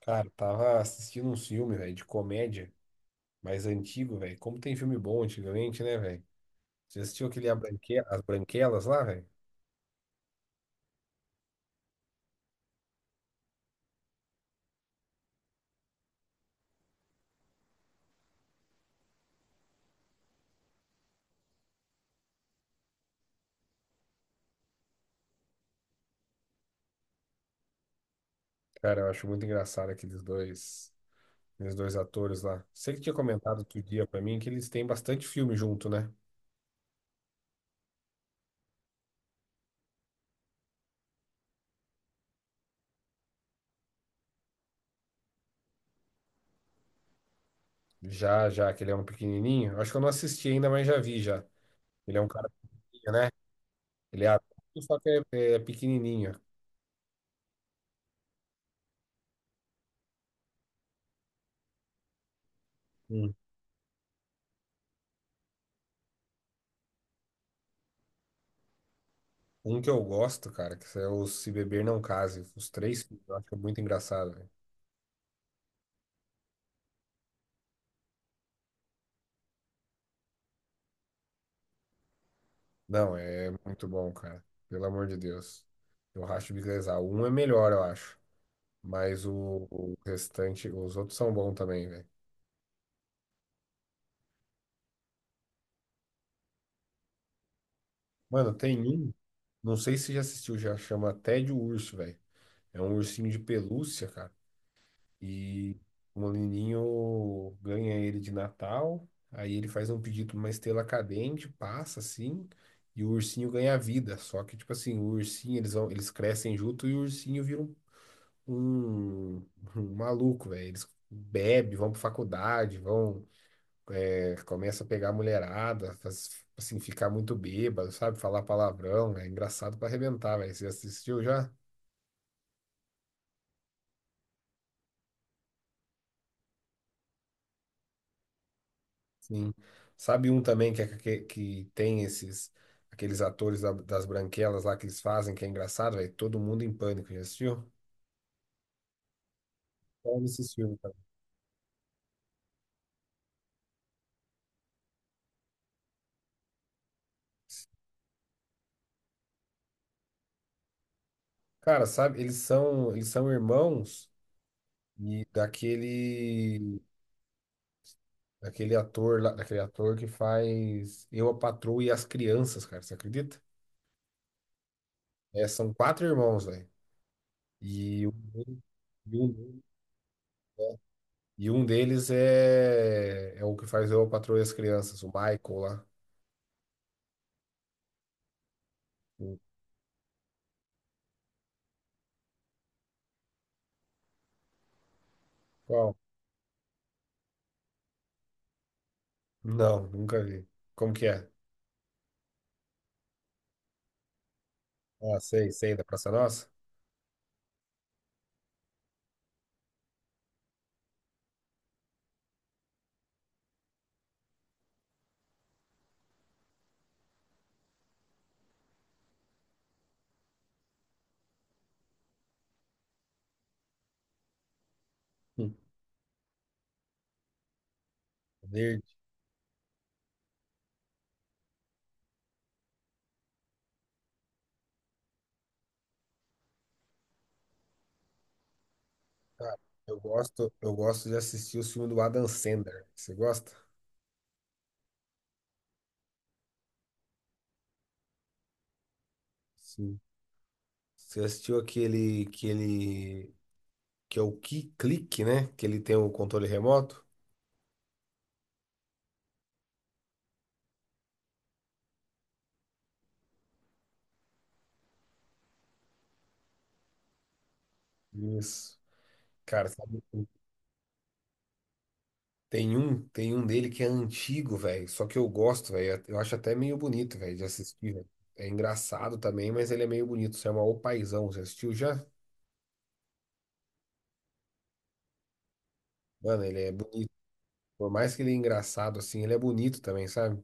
Cara, tava assistindo um filme, velho, de comédia, mais antigo, velho. Como tem filme bom antigamente, né, velho? Você assistiu aquele As Branquelas lá, velho? Cara, eu acho muito engraçado aqueles dois atores lá. Você que tinha comentado outro dia pra mim que eles têm bastante filme junto, né? Já, já, que ele é um pequenininho. Acho que eu não assisti ainda, mas já vi já. Ele é um cara, né? Ele é adulto, só que é pequenininho. Hum. Um que eu gosto, cara, que é o Se Beber Não Case. Os três filmes, eu acho que é muito engraçado, velho. Não, é muito bom, cara. Pelo amor de Deus. Eu racho o bico da Exal. Um é melhor, eu acho. Mas o restante, os outros são bons também, velho. Mano, tem um, não sei se já assistiu, já chama Tédio Urso, velho. É um ursinho de pelúcia, cara. E o menininho ganha ele de Natal. Aí ele faz um pedido pra uma estrela cadente, passa assim, e o ursinho ganha vida. Só que, tipo assim, o ursinho, eles vão, eles crescem junto e o ursinho vira um, um maluco, velho. Eles bebem, vão pra faculdade, vão, é, começa a pegar a mulherada, assim, ficar muito bêbado, sabe? Falar palavrão, é engraçado pra arrebentar, velho. Você assistiu já? Sim. Sabe um também que, que tem esses, aqueles atores das branquelas lá que eles fazem, que é engraçado, velho? Todo mundo em pânico, já assistiu? Qual desses filmes, cara? Cara, sabe, eles são irmãos e daquele daquele ator lá, daquele ator que faz Eu, a Patroa e as Crianças, cara, você acredita? É, são quatro irmãos, velho. E, e um e um deles é o que faz Eu, a Patroa e as Crianças, o Michael lá. O- Qual? Não, nunca vi. Como que é? Ah, sei, sei, da Praça Nossa? Hum. Verde. Cara, eu gosto de assistir o filme do Adam Sandler. Você gosta? Sim. Você assistiu aquele que é o Key Click, né? Que ele tem o controle remoto. Isso. Cara, sabe? Tem um dele que é antigo, velho. Só que eu gosto, velho. Eu acho até meio bonito, velho, de assistir, velho. É engraçado também, mas ele é meio bonito. Você é uma O Paizão. Você assistiu já? Mano, ele é bonito. Por mais que ele é engraçado, assim, ele é bonito também, sabe?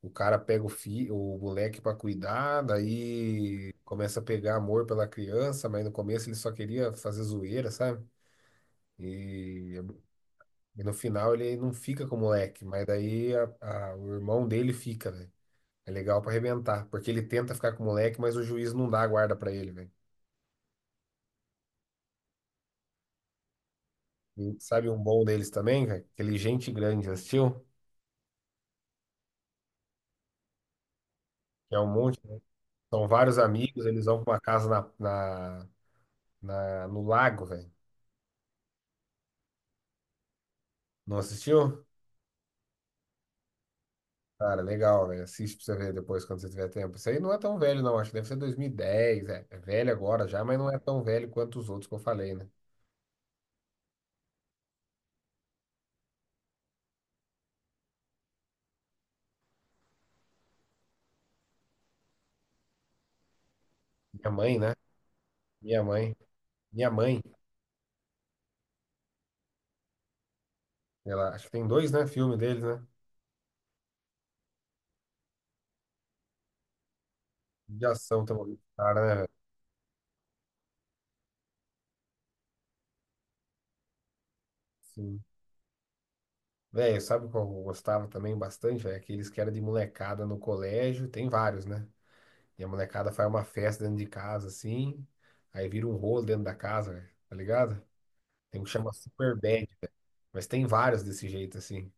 O cara pega o fi, o moleque pra cuidar, daí começa a pegar amor pela criança, mas no começo ele só queria fazer zoeira, sabe? E E no final ele não fica com o moleque, mas o irmão dele fica, velho. É legal pra arrebentar, porque ele tenta ficar com o moleque, mas o juiz não dá a guarda pra ele, velho. E sabe um bom deles também, velho? Aquele Gente Grande, já assistiu? Que é um monte, né? São vários amigos, eles vão pra uma casa no lago, velho. Não assistiu? Cara, legal, velho. Assiste pra você ver depois quando você tiver tempo. Isso aí não é tão velho, não. Acho que deve ser 2010, é. É velho agora já, mas não é tão velho quanto os outros que eu falei, né? Minha mãe, né? Minha mãe. Minha mãe. Ela, acho que tem dois, né? Filme deles, né? De ação também. Cara, né, velho? Sim. Velho, sabe qual eu gostava também bastante, velho? Aqueles que era de molecada no colégio. Tem vários, né? E a molecada faz uma festa dentro de casa, assim. Aí vira um rolo dentro da casa, velho. Tá ligado? Tem um que chama Super Bad, velho. Mas tem vários desse jeito, assim.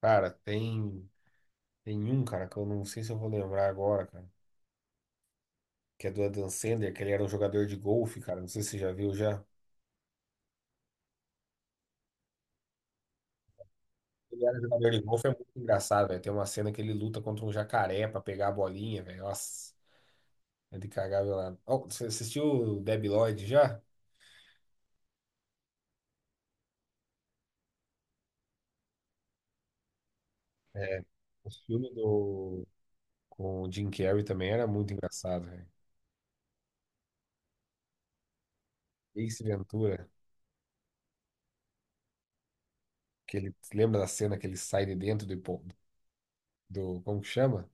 Cara, cara, que eu não sei se eu vou lembrar agora, cara. Que é do Adam Sandler, que ele era um jogador de golfe, cara. Não sei se você já viu já. Ele era jogador de golfe, é muito engraçado, velho. Tem uma cena que ele luta contra um jacaré pra pegar a bolinha, velho. Nossa, é de cagar velado. Ó, você assistiu o Debi Lloyd já? É. O filme do... com o Jim Carrey também era muito engraçado, velho. Ace Ventura, que ele... Lembra da cena que ele sai de dentro do... Como que chama?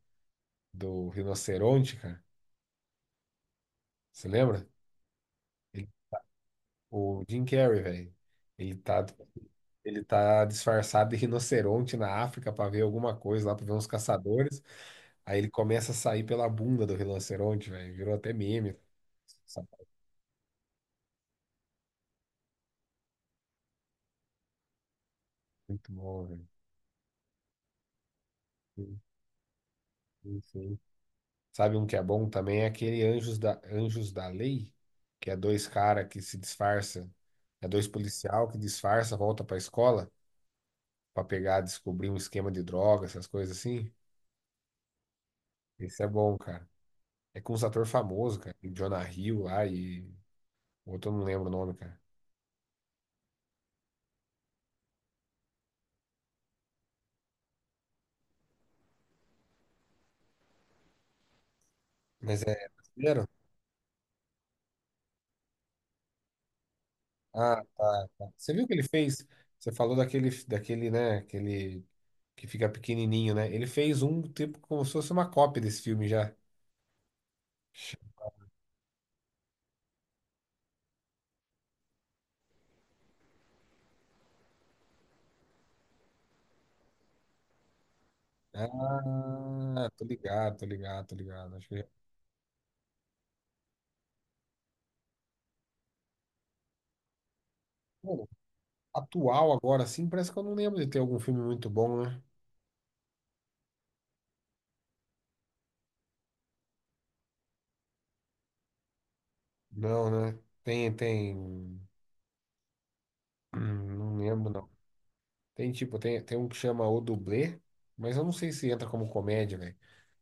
Do rinoceronte, cara. Você lembra? Ele- O Jim Carrey, velho. Ele tá Ele tá disfarçado de rinoceronte na África para ver alguma coisa lá, para ver uns caçadores. Aí ele começa a sair pela bunda do rinoceronte, velho. Virou até meme. Essa parte é muito bom, velho. Sim, sim. Sabe um que é bom também? É aquele Anjos da Lei, que é dois caras que se disfarça. É dois policial que disfarça, volta pra escola pra pegar, descobrir um esquema de droga, essas coisas assim. Esse é bom, cara. É com um ator famoso, cara. Jonah Hill lá e. O outro eu não lembro o nome, cara. Mas é brasileiro? Ah, tá, tá. Você viu o que ele fez? Você falou né? Aquele que fica pequenininho, né? Ele fez um tipo como se fosse uma cópia desse filme já. Ah, tô ligado. Acho que já... Mano, atual agora, assim, parece que eu não lembro de ter algum filme muito bom, né? Não, né? Tem, tem. Não lembro, não. Tem tipo, tem um que chama O Dublê, mas eu não sei se entra como comédia, velho.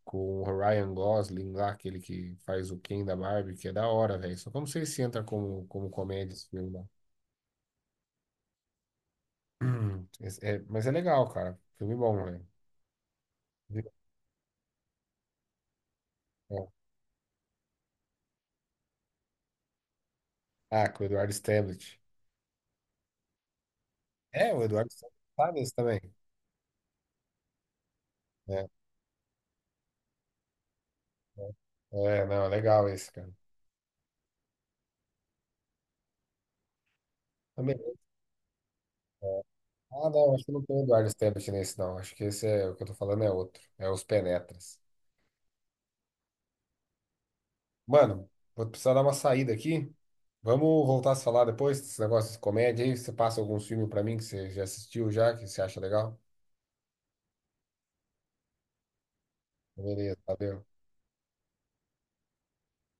Com o Ryan Gosling lá, aquele que faz o Ken da Barbie, que é da hora, velho. Só que eu não sei se entra como comédia esse filme lá. Mas é legal, cara. Filme bom, velho. Viu? É. Ah, com o Eduardo Stanley. É, o Eduardo Stanley sabe esse também. É, é, não, é legal esse, cara. Também. É. Ah, não, acho que não tem o Eduardo Stanley nesse, não. Acho que esse é o que eu tô falando é outro. É Os Penetras. Mano, vou precisar dar uma saída aqui. Vamos voltar a se falar depois desse negócio de comédia aí. Você passa alguns filmes pra mim que você já assistiu já, que você acha legal? Beleza, valeu.